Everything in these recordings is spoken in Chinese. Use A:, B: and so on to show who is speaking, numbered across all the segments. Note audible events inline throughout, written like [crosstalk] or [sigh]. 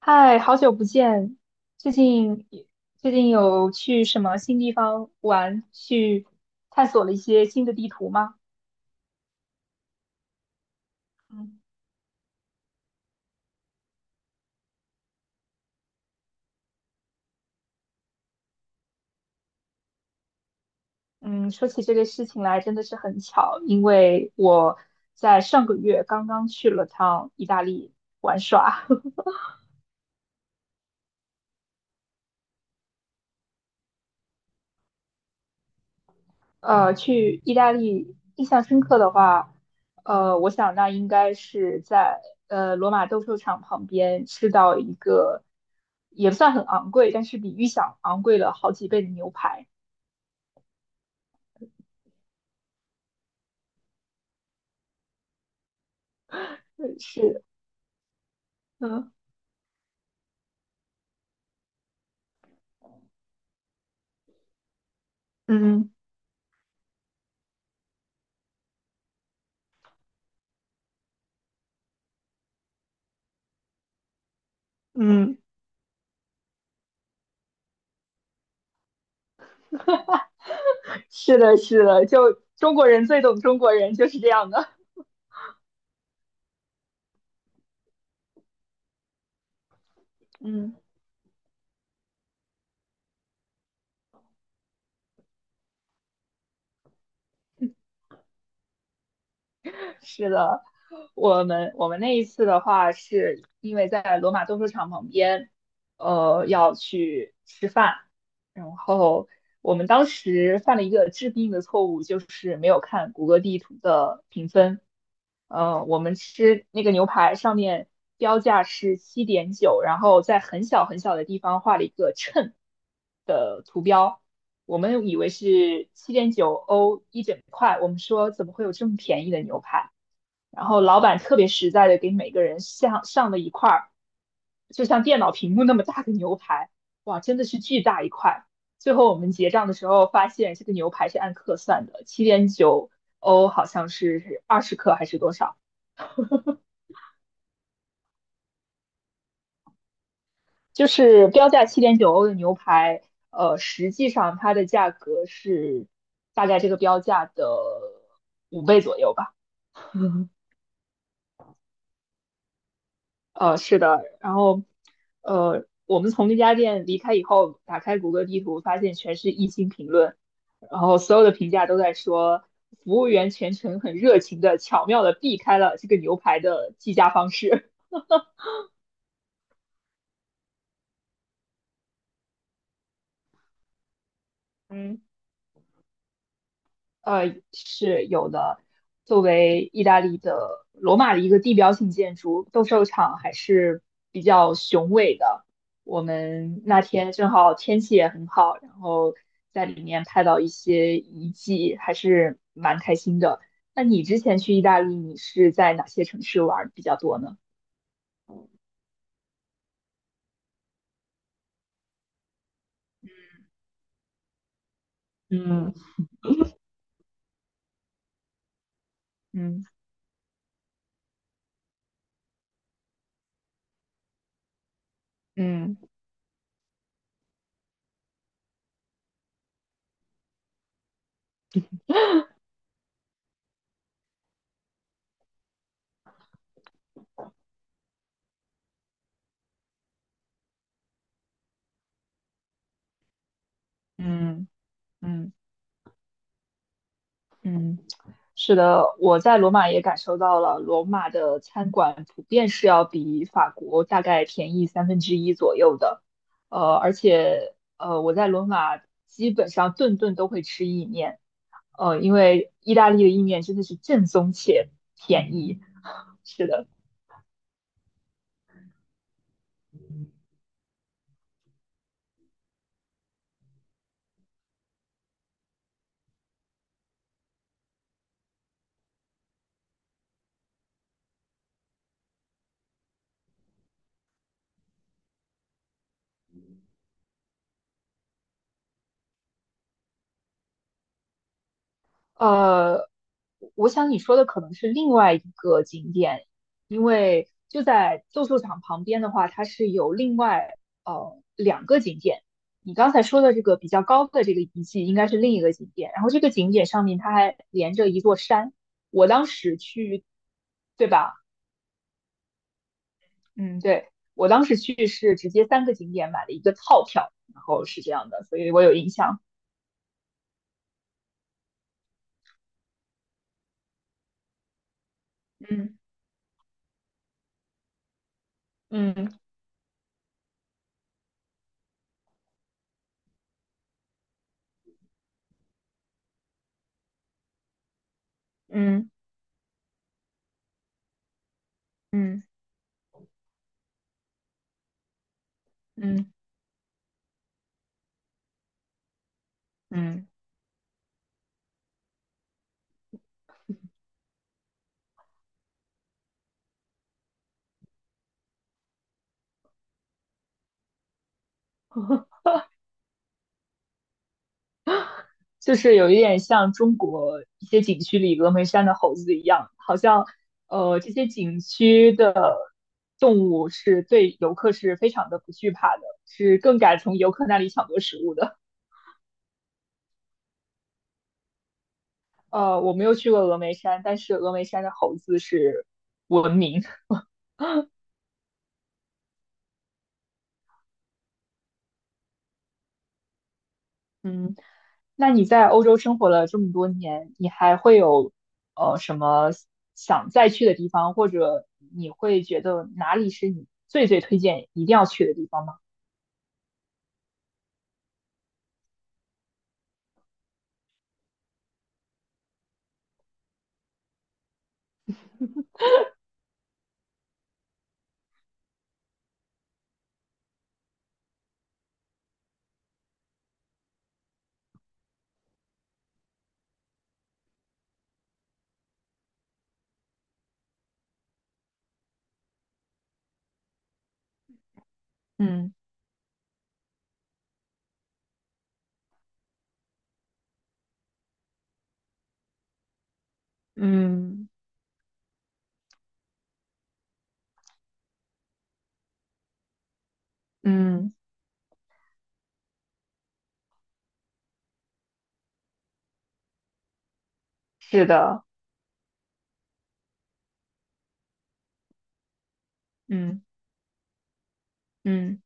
A: 嗨，好久不见！最近最近有去什么新地方玩，去探索了一些新的地图吗？嗯嗯，说起这个事情来，真的是很巧，因为我在上个月刚刚去了趟意大利玩耍。[laughs] 去意大利印象深刻的话，我想那应该是在罗马斗兽场旁边吃到一个也不算很昂贵，但是比预想昂贵了好几倍的牛排。嗯，是，嗯嗯嗯，[laughs] 是的，是的，就中国人最懂中国人，就是这样的。嗯。是的，我们那一次的话，是因为在罗马斗兽场旁边，要去吃饭，然后我们当时犯了一个致命的错误，就是没有看谷歌地图的评分。我们吃那个牛排上面标价是七点九，然后在很小很小的地方画了一个秤，我们以为是七点九欧一整块，我们说怎么会有这么便宜的牛排？然后老板特别实在的给每个人上上了一块儿，就像电脑屏幕那么大的牛排，哇，真的是巨大一块。最后我们结账的时候发现，这个牛排是按克算的，七点九欧好像是20克还是多少，就是标价七点九欧的牛排，实际上它的价格是大概这个标价的5倍左右吧。[laughs] 是的，然后，我们从那家店离开以后，打开谷歌地图，发现全是一星评论，然后所有的评价都在说，服务员全程很热情的、巧妙的避开了这个牛排的计价方式。[laughs] 嗯。是有的。作为意大利的罗马的一个地标性建筑，斗兽场还是比较雄伟的。我们那天正好天气也很好，然后在里面拍到一些遗迹，还是蛮开心的。那你之前去意大利，你是在哪些城市玩儿比较多呢？嗯嗯嗯嗯嗯。嗯，是的，我在罗马也感受到了，罗马的餐馆普遍是要比法国大概便宜1/3左右的，而且我在罗马基本上顿顿都会吃意面，因为意大利的意面真的是正宗且便宜。是的。呃，我想你说的可能是另外一个景点，因为就在斗兽场旁边的话，它是有另外2个景点。你刚才说的这个比较高的这个遗迹，应该是另一个景点。然后这个景点上面它还连着一座山。我当时去，对吧？嗯，对，我当时去是直接3个景点买了一个套票，然后是这样的，所以我有印象。嗯嗯嗯嗯嗯嗯嗯。就是有一点像中国一些景区里峨眉山的猴子一样，好像这些景区的动物是对游客是非常的不惧怕的，是更敢从游客那里抢夺食物的。我没有去过峨眉山，但是峨眉山的猴子是闻名。[laughs] 嗯，那你在欧洲生活了这么多年，你还会有什么想再去的地方，或者你会觉得哪里是你最推荐一定要去的地方吗？嗯。嗯嗯，是的，嗯嗯，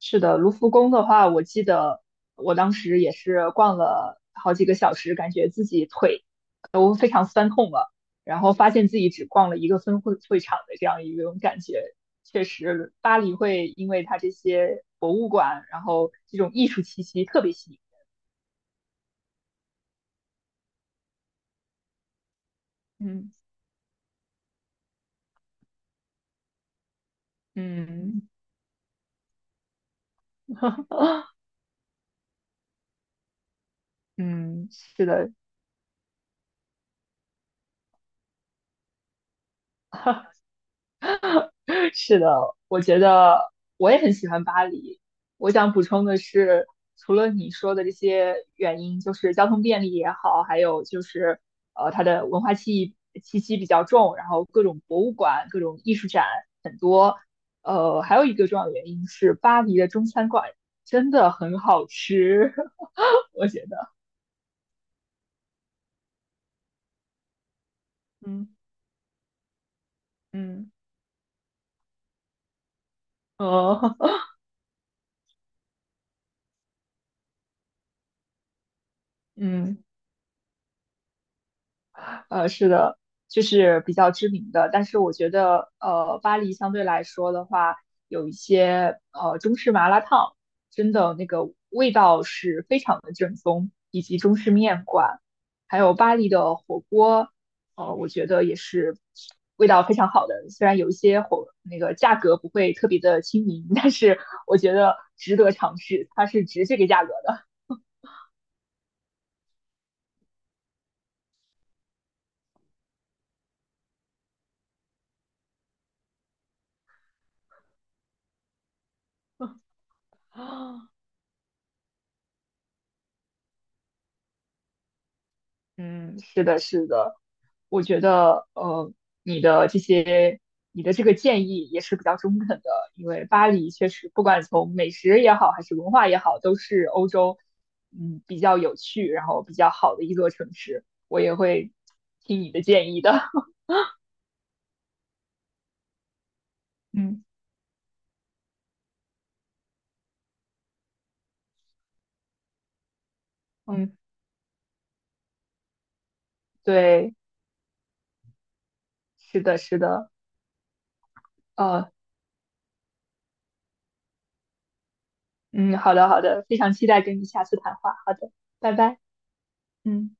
A: 是的。卢浮宫的话，我记得我当时也是逛了好几个小时，感觉自己腿都非常酸痛了，然后发现自己只逛了一个分会会场的这样一种感觉。确实，巴黎会因为它这些博物馆，然后这种艺术气息特别吸引。嗯嗯 [laughs] 嗯，是的。是的，我觉得我也很喜欢巴黎。我想补充的是，除了你说的这些原因，就是交通便利也好，还有就是它的文化气息比较重，然后各种博物馆、各种艺术展很多。还有一个重要的原因是，巴黎的中餐馆真的很好吃，[laughs] 我觉得。嗯嗯嗯 [laughs] 嗯。是的，就是比较知名的。但是我觉得，巴黎相对来说的话，有一些中式麻辣烫，真的那个味道是非常的正宗，以及中式面馆，还有巴黎的火锅，我觉得也是味道非常好的。虽然有一些火那个价格不会特别的亲民，但是我觉得值得尝试，它是值这个价格的。[laughs] 嗯，是的，是的，我觉得你的这些，你的这个建议也是比较中肯的，因为巴黎确实不管从美食也好，还是文化也好，都是欧洲嗯比较有趣，然后比较好的一座城市。我也会听你的建议的。[laughs] 嗯嗯，对，是的，是的，呃，嗯，好的，好的，非常期待跟你下次谈话。好的，拜拜。嗯。